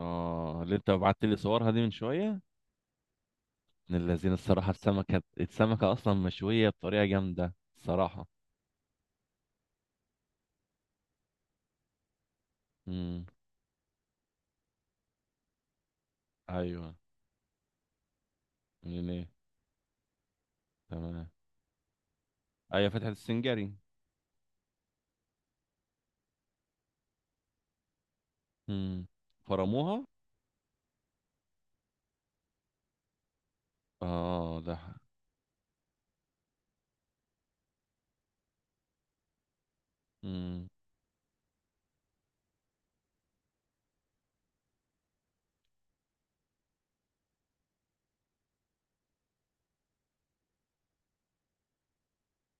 اه، اللي انت بعت لي صورها دي من شويه. من الذين الصراحه، السمكه اصلا مشويه بطريقه جامده الصراحه. امم. ايوه. منين ايه؟ تمام. ايوه، فتحة السنجري. امم. فرموها. اه. امم.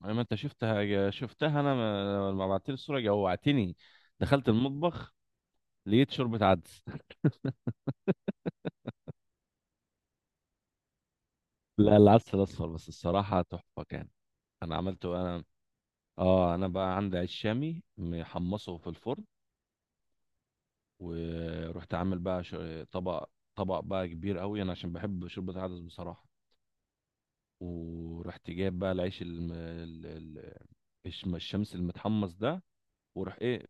ما انت شفتها انا، لما بعت لي الصوره جوعتني. دخلت المطبخ، لقيت شوربه عدس. لا، العدس الاصفر بس الصراحه تحفه كان. انا عملته انا. اه، انا بقى عندي عيش شامي محمصه في الفرن. ورحت عامل بقى طبق طبق بقى كبير قوي انا عشان بحب شوربه العدس بصراحه. ورحت جايب بقى العيش الم... ال- ال- الشم- الشمس المتحمص ده. وروح ايه،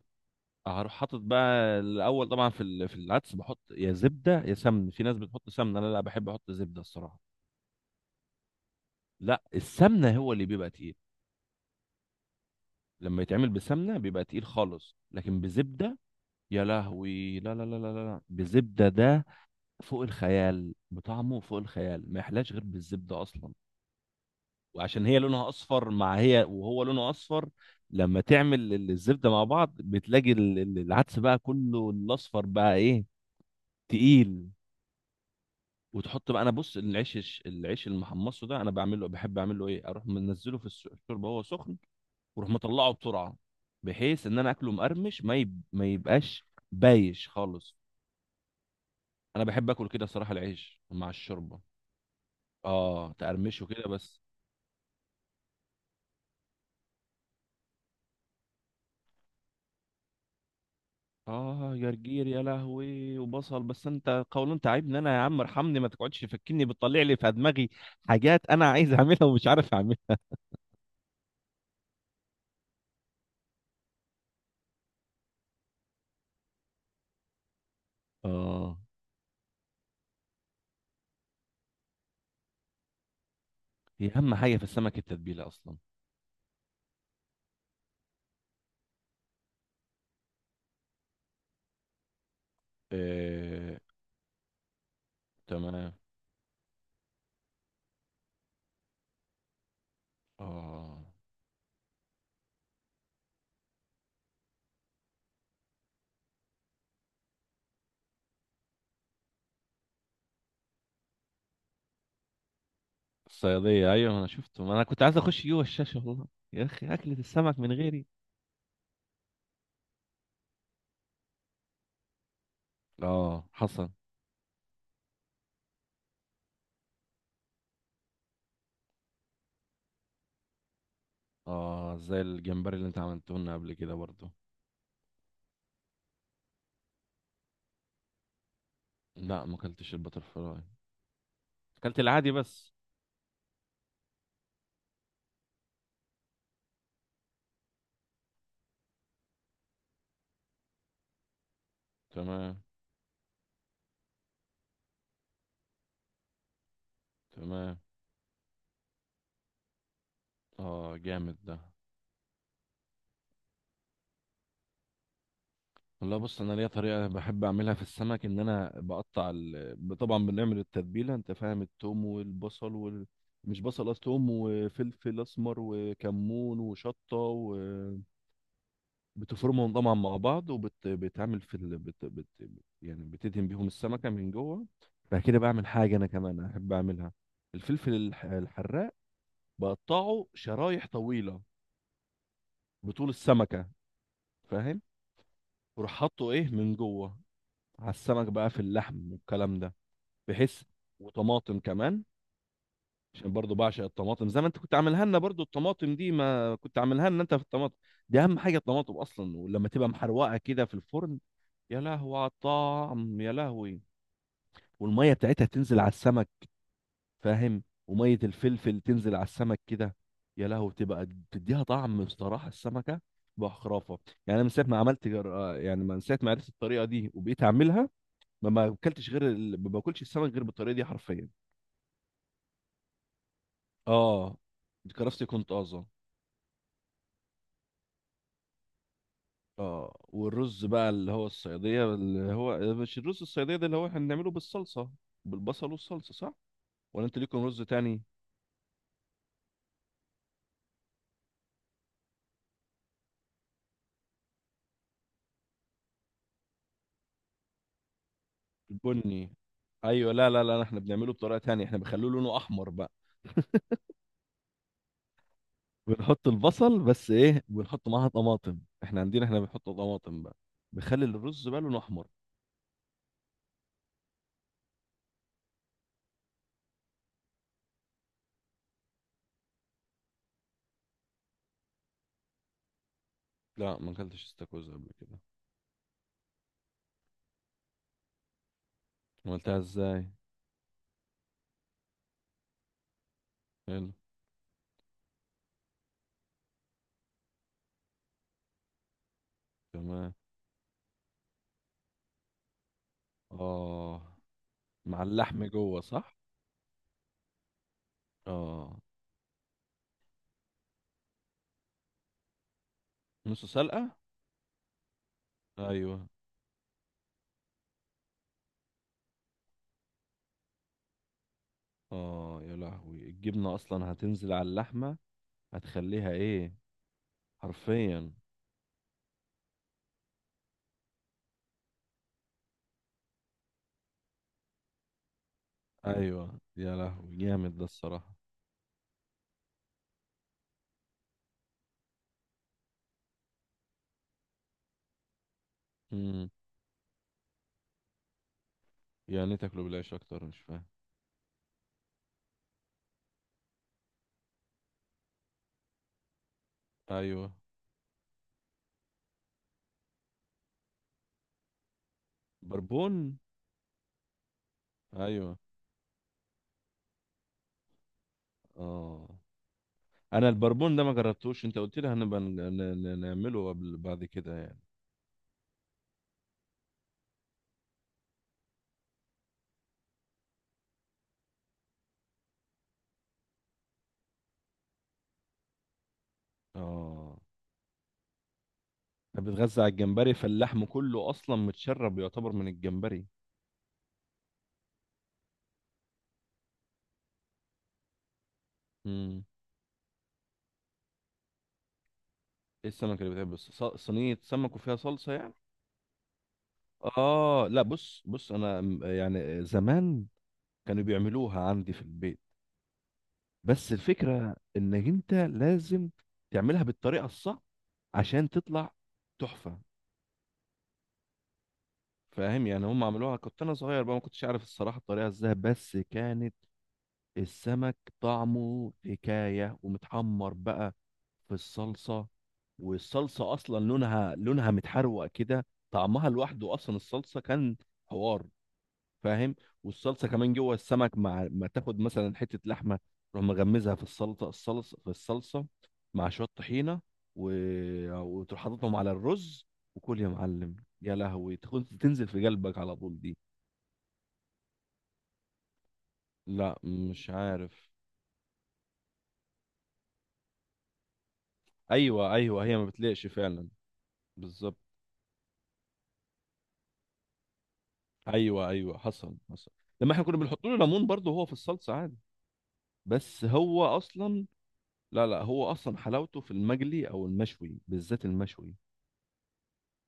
هروح حاطط بقى الاول طبعا في العدس، بحط يا زبده يا سمن. في ناس بتحط سمنه، انا لا، بحب احط زبده الصراحه. لا، السمنه هو اللي بيبقى تقيل. لما يتعمل بسمنه بيبقى تقيل خالص، لكن بزبده. يا لهوي، لا لا لا لا لا لا. بزبده ده فوق الخيال، بطعمه فوق الخيال، ما يحلاش غير بالزبده اصلا. وعشان هي لونها اصفر، مع هي وهو لونه اصفر، لما تعمل الزبده مع بعض، بتلاقي العدس بقى كله الاصفر بقى ايه، تقيل. وتحط بقى، انا بص، العيش المحمصه ده، انا بعمله، بحب اعمله ايه، اروح منزله في الشوربه وهو سخن، واروح مطلعه بسرعه، بحيث ان انا اكله مقرمش، ما يبقاش بايش خالص. انا بحب اكل كده صراحه العيش مع الشوربه. اه، تقرمشه كده بس. اه، جرجير، يا لهوي، وبصل، بس انت قولون تعبني انا يا عم، ارحمني، ما تقعدش تفكني، بتطلع لي في دماغي حاجات انا عايز اعملها ومش عارف اعملها. اه، هي اهم حاجه في السمك التتبيله اصلا. إيه. تمام. اه، الصياديه، ايوه، انا شفته، ما انا كنت عايز اخش جوه الشاشه والله. يا اخي اكله السمك من غيري. اه حصل. اه زي الجمبري اللي انت عملته لنا قبل كده برضه. لا ما اكلتش البتر فلاي. اكلت العادي بس. تمام. تمام. اه جامد ده. والله بص، انا ليا طريقه بحب اعملها في السمك، ان انا بقطع طبعا بنعمل التتبيله، انت فاهم، التوم والبصل مش بصل اصلا، توم وفلفل اسمر وكمون وشطه، وبتفرمهم طبعا مع بعض، وبتعمل في ال... بت... بت... يعني بتدهن بيهم السمكه من جوه. بعد كده بعمل حاجه انا كمان احب اعملها، الفلفل الحراق، بقطعه شرايح طويله بطول السمكه، فاهم، وراح حاطه ايه من جوه، على السمك بقى، في اللحم والكلام ده، بحيث، وطماطم كمان، عشان برضو بعشق الطماطم، زي ما انت كنت عاملها لنا برضو الطماطم دي، ما كنت عاملها لنا انت في الطماطم. دي اهم حاجه، الطماطم اصلا، ولما تبقى محروقه كده في الفرن، يا لهوي على الطعم، يا لهوي. والميه بتاعتها تنزل على السمك، فاهم، وميه الفلفل تنزل على السمك كده، يا لهوي، بتبقى بتديها طعم بصراحه، السمكه بقى خرافه. يعني انا من ساعه ما عملت جر... آه، يعني من ساعه ما عرفت الطريقه دي وبقيت اعملها، ما اكلتش غير ما باكلش السمك غير بالطريقه دي حرفيا. اه. كرفتي كنت طازه. اه، والرز بقى اللي هو الصياديه، اللي هو مش الرز الصياديه ده اللي هو احنا بنعمله بالصلصه، بالبصل والصلصه، صح؟ ولا انت ليكم رز تاني؟ البني. ايوه، لا لا لا، احنا بنعمله بطريقه تانية، احنا بنخليه لونه احمر بقى، بنحط البصل بس ايه، بنحط معاها طماطم، احنا عندنا احنا بنحط طماطم بقى، بخلي الرز بقى لونه احمر. لا ما اكلتش استاكوزا قبل كده. عملتها ازاي؟ حلو. تمام. اه، مع اللحم جوه، صح. اه. نص سلقة. ايوه. اه يا لهوي، الجبنة اصلا هتنزل على اللحمة، هتخليها ايه. حرفيا. ايوه يا لهوي جامد ده الصراحة. امم. يعني إيه تاكله بالعيش اكتر؟ مش فاهم. ايوه. بربون. ايوه. اه. انا البربون ده ما جربتوش، انت قلت لي هنبقى نعمله قبل، بعد كده يعني. اه. أنا بتغذى على الجمبري، فاللحم كله اصلا متشرب يعتبر من الجمبري. امم. ايه السمك اللي بتحب، صينية سمك وفيها صلصة يعني؟ اه، لا، بص بص، انا يعني زمان، كانوا بيعملوها عندي في البيت، بس الفكرة انك انت لازم تعملها بالطريقة الصح عشان تطلع تحفة. فاهم، يعني هم عملوها كنت انا صغير بقى، ما كنتش عارف الصراحة الطريقة ازاي، بس كانت السمك طعمه حكاية، ومتحمر بقى في الصلصة، والصلصة اصلا لونها متحروق كده، طعمها لوحده اصلا الصلصة كان حوار، فاهم. والصلصه كمان جوه السمك، مع ما تاخد مثلا حته لحمه، تروح مغمزها في السلطه، الصلصه، في الصلصه، مع شويه طحينه و... وتروح حاططهم على الرز وكل يا معلم. يا لهوي، تكون تنزل في قلبك على طول دي. لا، مش عارف. ايوه، ايوه، هي ما بتليقش فعلا. بالظبط. ايوه، ايوه، حصل، حصل. لما احنا كنا بنحط له ليمون برضه هو في الصلصه عادي. بس هو اصلا، لا لا، هو اصلا حلاوته في المجلي او المشوي، بالذات المشوي.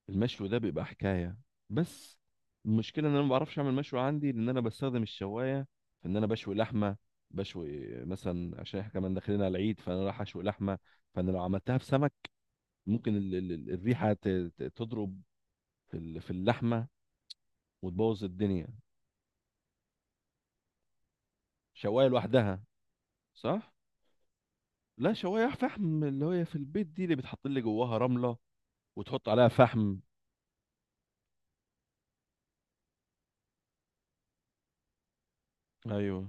المشوي ده بيبقى حكاية. بس المشكلة ان انا ما بعرفش اعمل مشوي عندي، لان انا بستخدم الشواية في ان انا بشوي لحمة، بشوي مثلا عشان احنا كمان داخلين على العيد، فانا رايح اشوي لحمة، فانا لو عملتها في سمك ممكن الريحة تضرب في اللحمة، وتبوظ الدنيا. شواية لوحدها، صح؟ لا، شواية فحم، اللي هي في البيت دي اللي بتحط لي جواها رملة، وتحط عليها فحم. ايوه.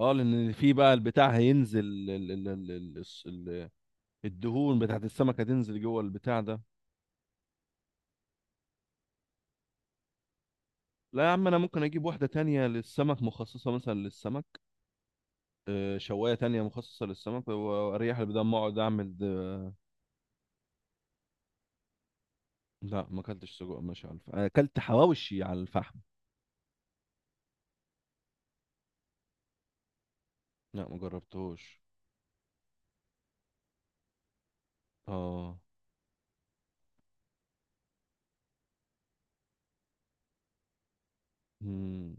اه، لان في بقى البتاع هينزل، الدهون بتاعت السمك هتنزل جوه البتاع ده. لا يا عم، انا ممكن اجيب واحده تانية للسمك، مخصصه مثلا للسمك، شوايه تانية مخصصه للسمك واريح، اللي بدل ما اقعد اعمل ده. لا ما اكلتش سجق ماشي على الفحم، اكلت حواوشي على الفحم. لا ما جربتهوش. اه. مم.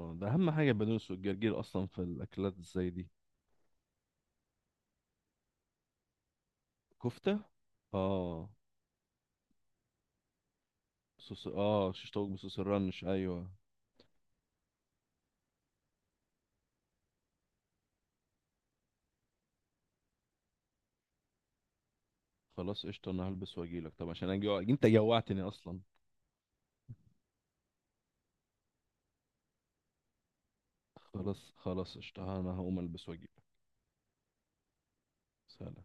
ده اهم حاجه البقدونس والجرجير اصلا في الاكلات زي دي. كفته. اه. صوص، اه، شيش طاووق بصوص الرنش، ايوه. خلاص قشطه، انا هلبس واجيلك، طب عشان اجي انت جوعتني اصلا. خلاص، خلاص، قشطة، أنا هقوم ألبس وأجيلك. سلام.